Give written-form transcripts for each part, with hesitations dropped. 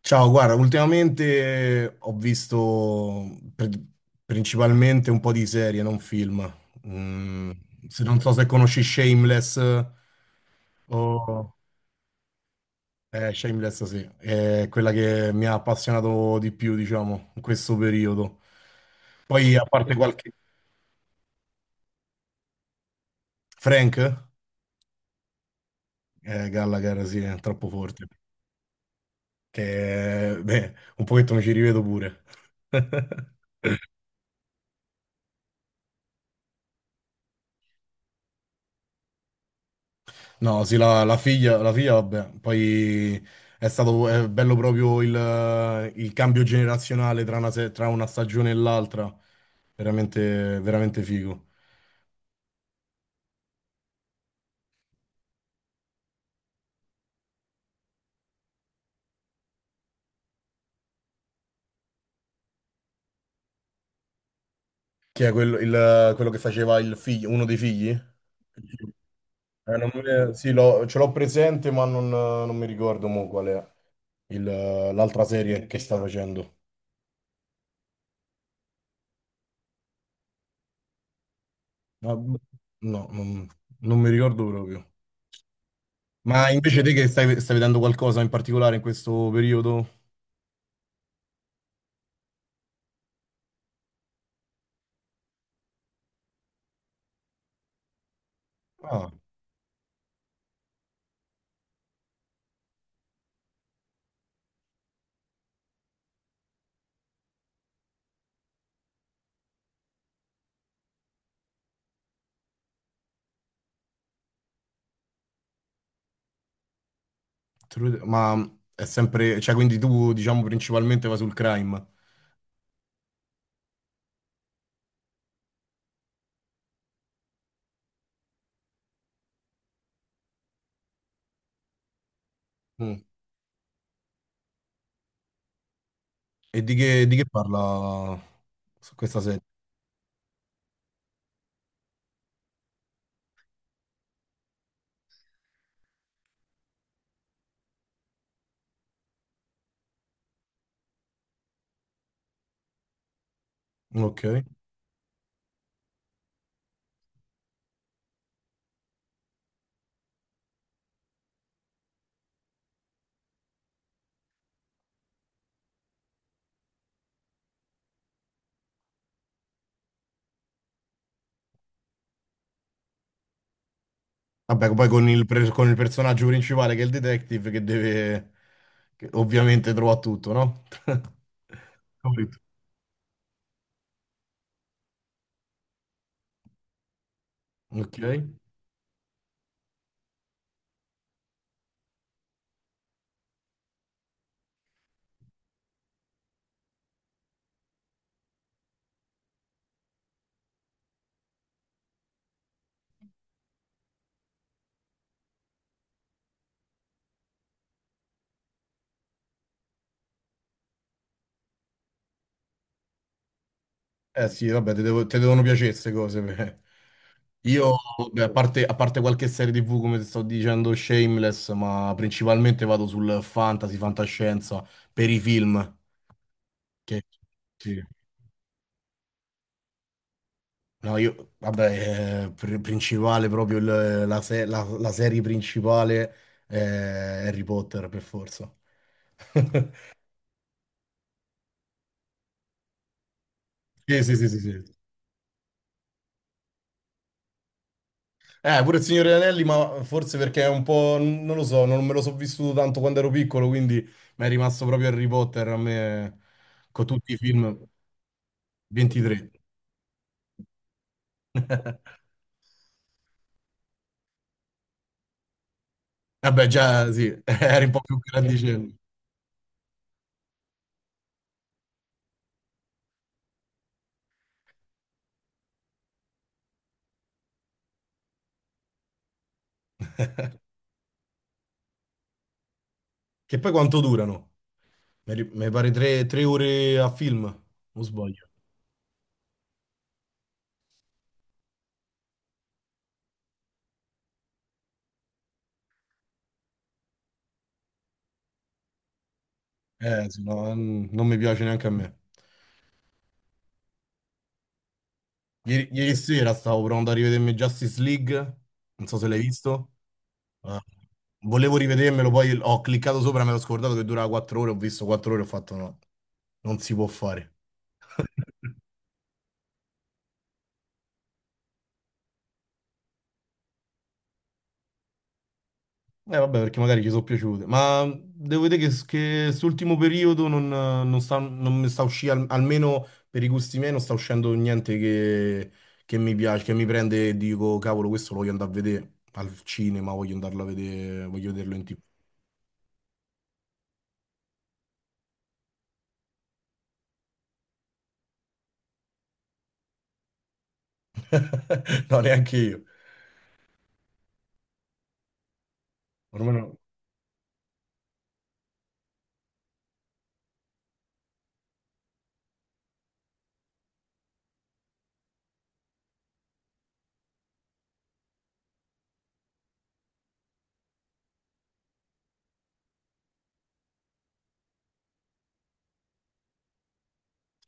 Ciao, guarda, ultimamente ho visto pri- principalmente un po' di serie, non film. Mm, se non so se conosci Shameless. O... Shameless sì, è quella che mi ha appassionato di più, diciamo, in questo periodo. Poi, a parte qualche... Frank? Gallagher, sì, è troppo forte. Che, beh, un pochetto mi ci rivedo pure. No, sì, la figlia, vabbè, poi è bello proprio il cambio generazionale tra una, se- tra una stagione e l'altra, veramente, veramente figo. Chi è quello, quello che faceva il figlio, uno dei figli? Non me- Sì, ce l'ho presente, ma non mi ricordo mo qual è l'altra serie che sta facendo. Ma- No, non mi ricordo proprio. Ma invece te che stai vedendo qualcosa in particolare in questo periodo? Ma è sempre, cioè quindi tu diciamo principalmente va sul crime. Mm. E di che parla su questa serie? Ok. Vabbè, poi con il personaggio principale che è il detective che ovviamente trova tutto, no? Capito. Ok. Eh sì, vabbè, ti devono piacere queste cose. Beh. Io, beh, a parte qualche serie TV, come ti sto dicendo, Shameless, ma principalmente vado sul fantasy, fantascienza, per i film. Che- sì. No, io, vabbè, principale proprio il- la, se- la- la serie principale è Harry Potter, per forza. Sì, sì, sì, sì, sì. Pure il Signore degli Anelli, ma forse perché è un po', non lo so, non me lo so vissuto tanto quando ero piccolo, quindi mi è rimasto proprio Harry Potter a me con tutti i film. 23. Vabbè, già sì, eri un po' più grandicello. Che poi quanto durano? Mi pare 3 ore a film, o sbaglio? Sì, no, non mi piace neanche a me. Ieri sera stavo provando a rivedermi Justice League, non so se l'hai visto. Eh, Volevo rivedermelo, poi ho cliccato sopra, me l'ho scordato che durava 4 ore, ho visto 4 ore, ho fatto no, non si può fare. Eh vabbè, perché magari ci sono piaciute, ma devo vedere che quest'ultimo periodo non mi sta uscendo, almeno per i gusti miei, non sta uscendo niente che mi piace, che mi prende e dico, cavolo, questo lo voglio andare a vedere al cinema, voglio andarlo a vedere, voglio vederlo in TV. No, neanche io. Ormai no.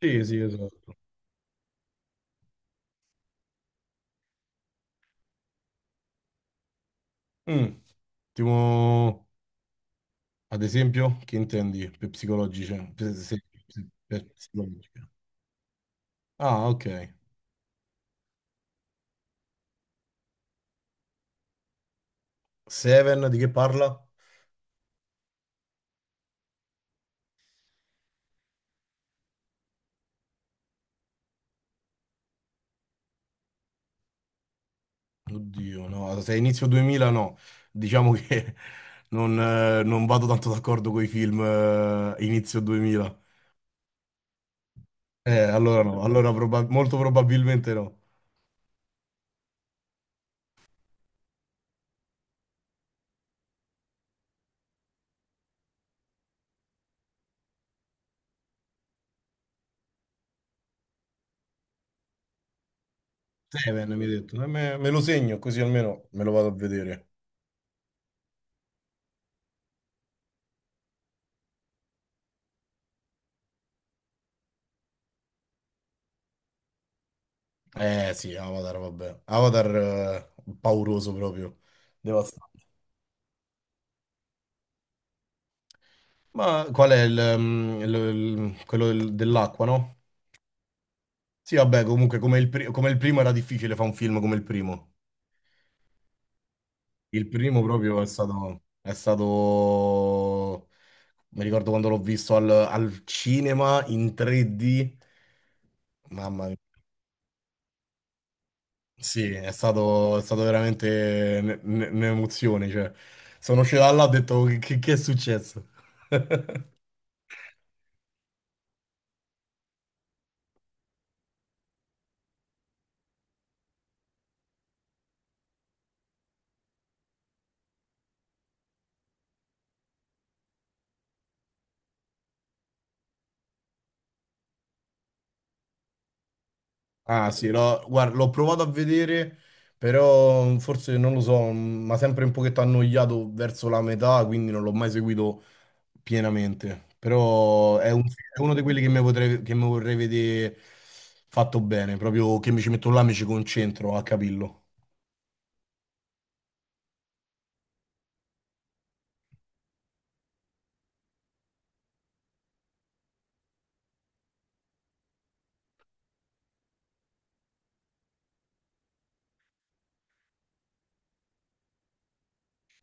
Sì, sì, esatto. Mm, Tipo, ad esempio, che intendi per psicologica? Per, se- Per psicologica. Ah, ok. Seven di che parla? Oddio, no, se è inizio 2000 no. Diciamo che non vado tanto d'accordo con i film inizio 2000. Allora no, molto probabilmente no. Seven mi hai detto. Me lo segno così almeno me lo vado a vedere. Eh sì, Avatar, vabbè. Avatar pauroso proprio, devastante. Ma qual è il, mm, il- quello dell'acqua, no? Sì, vabbè, comunque come il primo era difficile fare un film come il primo. Il primo proprio è stato. È stato. Mi ricordo quando l'ho visto al cinema in 3D. Mamma mia. Sì, è stato veramente un'emozione, cioè. Sono uscito da là e ho detto che è successo? Ah sì, l'ho guarda, l'ho provato a vedere, però forse non lo so, mi ha sempre un pochetto annoiato verso la metà, quindi non l'ho mai seguito pienamente. Però è uno di quelli che mi vorrei vedere fatto bene, proprio che mi ci metto là, mi ci concentro a capirlo.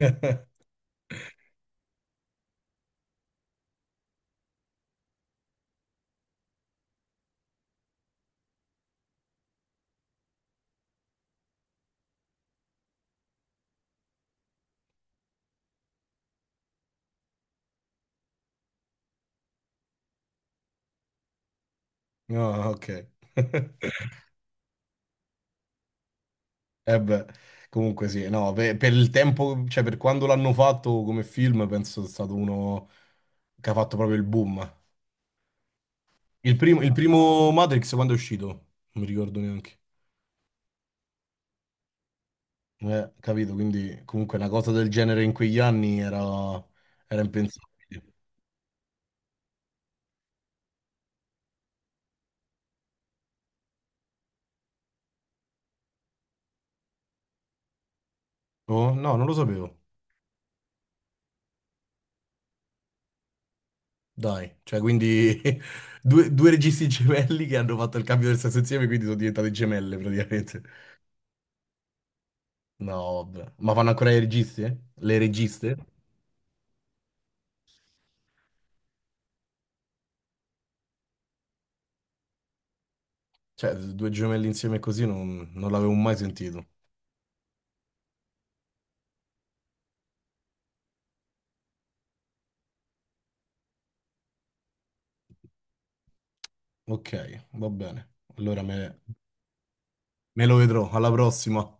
No, ok. Eh beh, comunque sì, no, per il tempo, cioè per quando l'hanno fatto come film, penso sia stato uno che ha fatto proprio il boom. Il primo Matrix quando è uscito? Non mi ricordo neanche. Capito, quindi comunque una cosa del genere in quegli anni era impensabile. Oh, no, non lo sapevo. Dai, cioè quindi due registi gemelli che hanno fatto il cambio del sesso insieme, quindi sono diventate gemelle praticamente. No, vabbè. Ma fanno ancora i registi? Eh? Le registe? Cioè, due gemelli insieme così non l'avevo mai sentito. Ok, va bene. Allora me lo vedrò. Alla prossima.